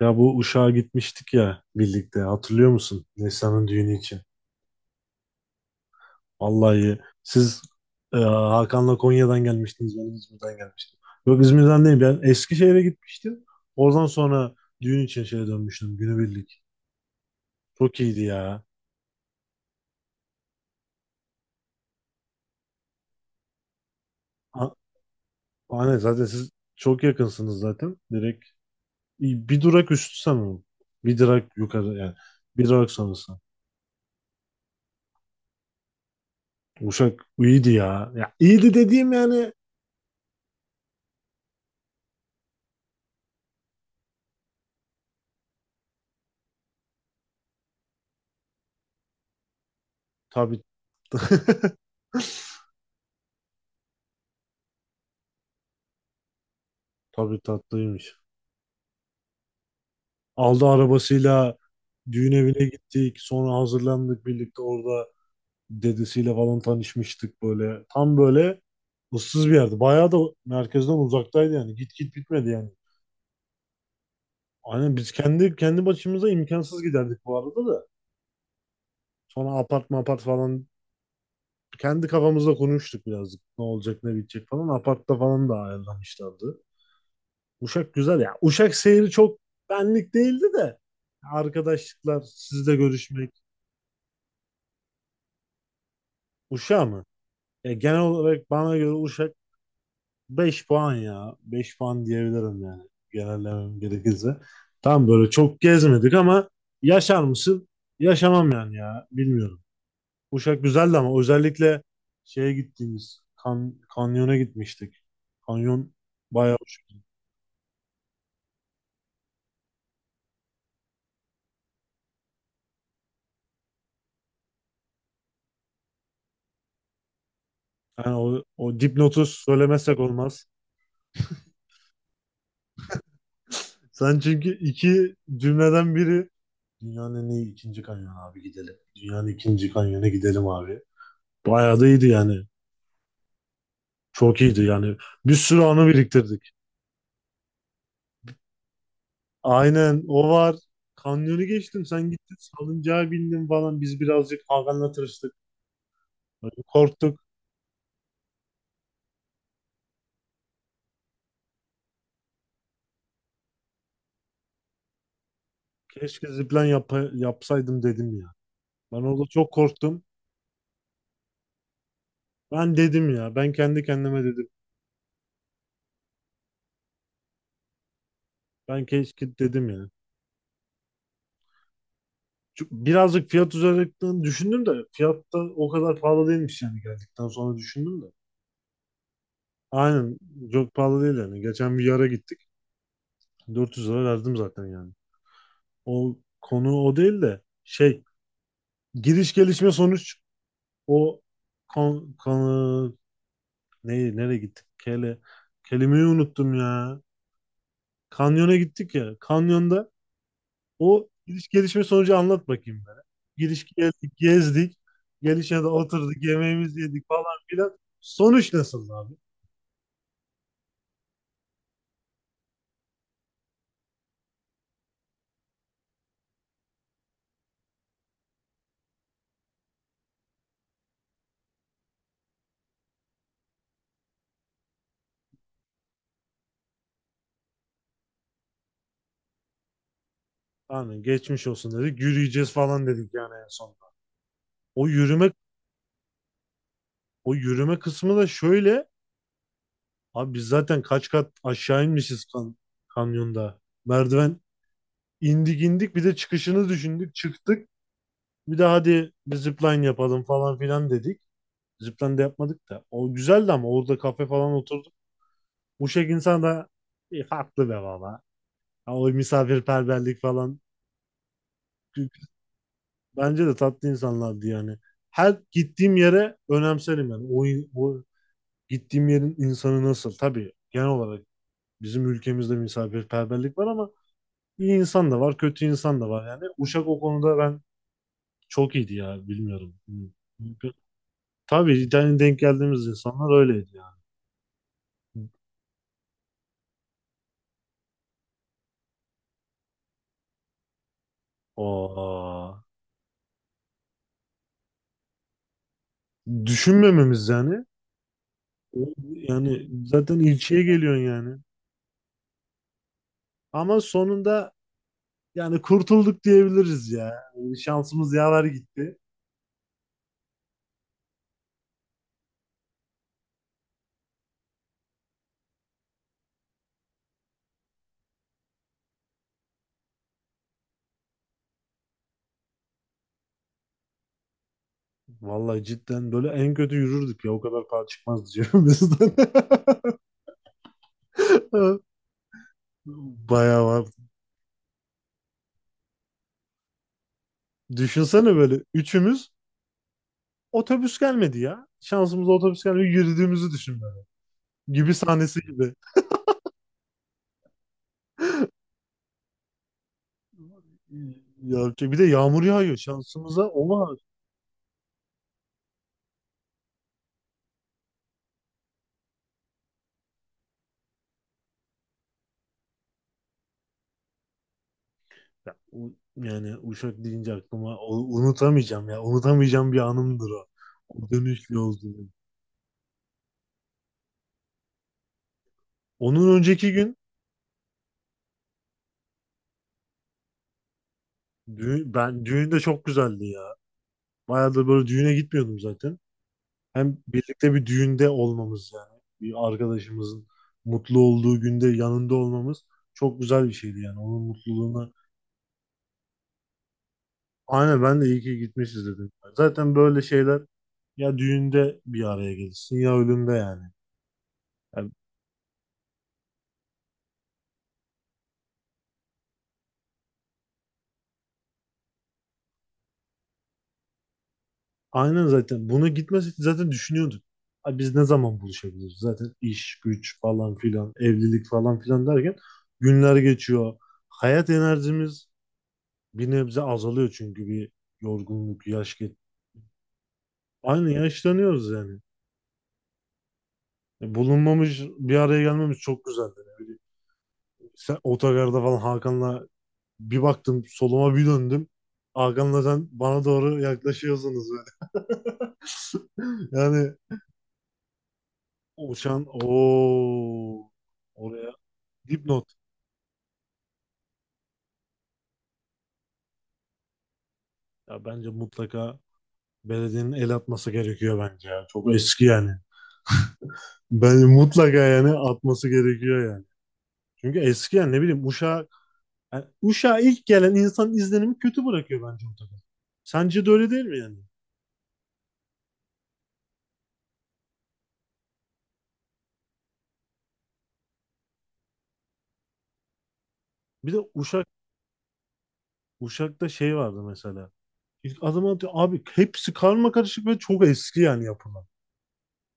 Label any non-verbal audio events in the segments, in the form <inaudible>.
Ya bu Uşak'a gitmiştik ya birlikte hatırlıyor musun? Neslihan'ın düğünü için. Vallahi siz Hakan'la Konya'dan gelmiştiniz, ben İzmir'den gelmiştim. Yok, İzmir'den değil, ben Eskişehir'e gitmiştim. Oradan sonra düğün için şeye dönmüştüm günübirlik. Çok iyiydi ya. A- Aynen, zaten siz çok yakınsınız zaten. Direkt bir durak üstü sanırım. Bir durak yukarı yani. Bir durak sonrası. Uşak iyiydi ya. Ya iyiydi dediğim yani. Tabii. <laughs> Tabii, tatlıymış. Aldı arabasıyla düğün evine gittik. Sonra hazırlandık birlikte orada, dedesiyle falan tanışmıştık böyle. Tam böyle ıssız bir yerdi. Bayağı da merkezden uzaktaydı yani. Git git bitmedi yani. Aynen, biz kendi başımıza imkansız giderdik bu arada da. Sonra apart mapart falan kendi kafamızda konuştuk birazcık. Ne olacak ne bitecek falan. Apartta falan da ayarlamışlardı. Uşak güzel ya. Uşak seyri çok benlik değildi de. Arkadaşlıklar, sizle görüşmek. Uşağı mı? Ya genel olarak bana göre Uşak 5 puan ya. Beş puan diyebilirim yani. Genellemem gerekirse. Tam böyle çok gezmedik ama yaşar mısın? Yaşamam yani ya. Bilmiyorum. Uşak güzeldi ama özellikle şeye gittiğimiz kanyona gitmiştik. Kanyon bayağı hoş. Yani o dipnotu söylemezsek olmaz. Sen çünkü iki cümleden biri dünyanın en iyi ikinci kanyonu abi gidelim. Dünyanın ikinci kanyonu gidelim abi. Bayağı da iyiydi yani. Çok iyiydi yani. Bir sürü anı biriktirdik. Aynen, o var. Kanyonu geçtim. Sen gittin salıncağa bindin falan. Biz birazcık Hakan'la tırıştık. Böyle korktuk. Keşke zipline yapsaydım dedim ya. Ben orada çok korktum. Ben dedim ya. Ben kendi kendime dedim. Ben keşke dedim ya. Çünkü birazcık fiyat üzerinden düşündüm de, fiyat da o kadar pahalı değilmiş yani, geldikten sonra düşündüm de. Aynen, çok pahalı değil yani. Geçen bir yara gittik. 400 lira verdim zaten yani. O konu o değil de şey, giriş gelişme sonuç, o konu, neyi nereye gittik? Kelimeyi unuttum ya. Kanyona gittik ya. Kanyonda o giriş gelişme sonucu anlat bakayım bana. Giriş geldik, gezdik. Gelişmede oturduk, yemeğimizi yedik falan filan. Sonuç nasıl abi? Aynen, geçmiş olsun dedik. Yürüyeceğiz falan dedik yani en sonunda. O yürüme o yürüme kısmı da şöyle, abi biz zaten kaç kat aşağı inmişiz kanyonda. Merdiven indik bir de çıkışını düşündük. Çıktık. Bir de hadi bir zipline yapalım falan filan dedik. Zipline de yapmadık da. O güzeldi ama orada kafe falan oturduk. Uşak insan da haklı be baba. Ha, o misafirperverlik falan. Bence de tatlı insanlardı yani. Her gittiğim yere önemserim yani. O gittiğim yerin insanı nasıl? Tabii genel olarak bizim ülkemizde misafirperverlik var ama İyi insan da var, kötü insan da var yani. Uşak o konuda ben çok iyiydi ya, bilmiyorum. Tabii yani, denk geldiğimiz insanlar öyleydi yani. Aa, düşünmememiz yani. Yani zaten ilçeye geliyorsun yani. Ama sonunda yani kurtulduk diyebiliriz ya. Şansımız yaver gitti. Vallahi cidden böyle en kötü yürürdük ya, o kadar para çıkmaz diyorum bizden. <laughs> Bayağı var. Düşünsene böyle üçümüz, otobüs gelmedi ya. Şansımıza otobüs gelmedi. Yürüdüğümüzü düşün böyle. Gibi sahnesi gibi. Ya, bir de yağmur yağıyor. Şansımıza o var. Ya, yani Uşak deyince aklıma unutamayacağım ya. Unutamayacağım bir anımdır o. O dönüşlü olduğu. Onun önceki gün düğün, ben düğünde çok güzeldi ya. Bayağıdır böyle düğüne gitmiyordum zaten. Hem birlikte bir düğünde olmamız yani. Bir arkadaşımızın mutlu olduğu günde yanında olmamız çok güzel bir şeydi yani. Onun mutluluğuna aynen, ben de iyi ki gitmişiz dedim. Zaten böyle şeyler, ya düğünde bir araya gelirsin ya ölümde yani. Yani aynen, zaten buna gitmesek zaten düşünüyorduk. Ay biz ne zaman buluşabiliriz? Zaten iş, güç falan filan, evlilik falan filan derken günler geçiyor. Hayat enerjimiz bir nebze azalıyor çünkü bir yorgunluk, yaş geç. Aynı yaşlanıyoruz yani. Bulunmamış bir araya gelmemiz çok güzeldi. Ne bileyim. Sen otogarda falan Hakan'la, bir baktım soluma bir döndüm. Hakan'la sen bana doğru yaklaşıyorsunuz böyle. <laughs> Yani uçan o oraya dipnot. Ya bence mutlaka belediyenin el atması gerekiyor bence ya. Çok eski yani. Ben mutlaka yani atması gerekiyor yani. Çünkü eski yani, ne bileyim Uşak, yani Uşak'a ilk gelen insan izlenimi kötü bırakıyor bence ortada. Sence de öyle değil mi yani? Bir de Uşak Uşak'ta şey vardı mesela. İlk adım atıyor. Abi hepsi karma karışık ve çok eski yani yapılan.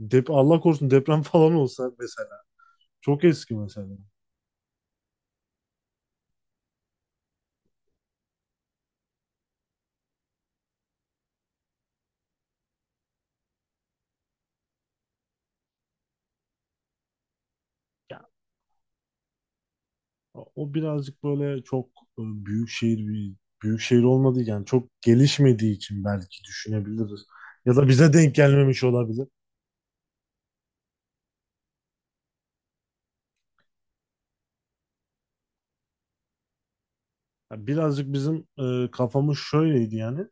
Allah korusun deprem <laughs> falan olsa mesela. Çok eski mesela. Ya. O birazcık böyle çok, büyük şehir bir büyük şehir olmadığı yani çok gelişmediği için belki düşünebiliriz. Ya da bize denk gelmemiş olabilir. Ya birazcık bizim kafamız şöyleydi yani.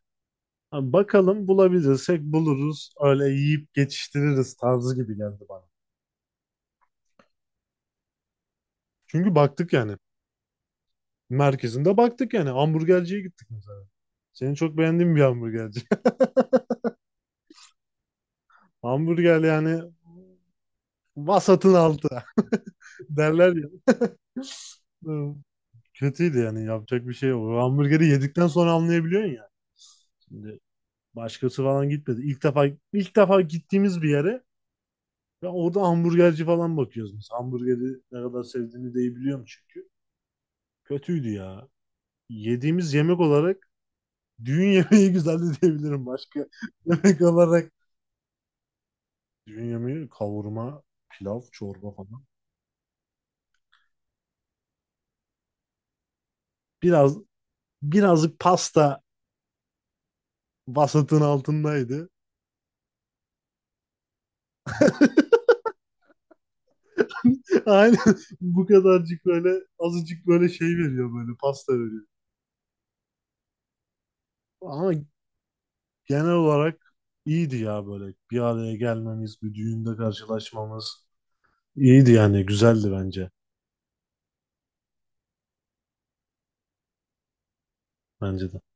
Ha, bakalım bulabilirsek buluruz. Öyle yiyip geçiştiririz tarzı gibi geldi bana. Çünkü baktık yani, merkezinde baktık yani. Hamburgerciye gittik mesela. Senin çok beğendiğin bir hamburgerci. <laughs> Hamburger yani vasatın altı, <laughs> derler ya. Hı, kötüydü yani yapacak bir şey yok. O hamburgeri yedikten sonra anlayabiliyorsun ya. Şimdi başkası falan gitmedi. İlk defa gittiğimiz bir yere ve orada hamburgerci falan bakıyoruz biz. Hamburgeri ne kadar sevdiğini de iyi biliyorum çünkü. Kötüydü ya. Yediğimiz yemek olarak düğün yemeği <laughs> güzeldi diyebilirim, başka <laughs> yemek olarak düğün yemeği: kavurma, pilav, çorba falan. Biraz birazcık pasta vasatın altındaydı. <laughs> Aynen, bu kadarcık böyle azıcık böyle şey veriyor, böyle pasta veriyor. Ama genel olarak iyiydi ya, böyle bir araya gelmemiz, bir düğünde karşılaşmamız iyiydi yani, güzeldi bence. Bence de.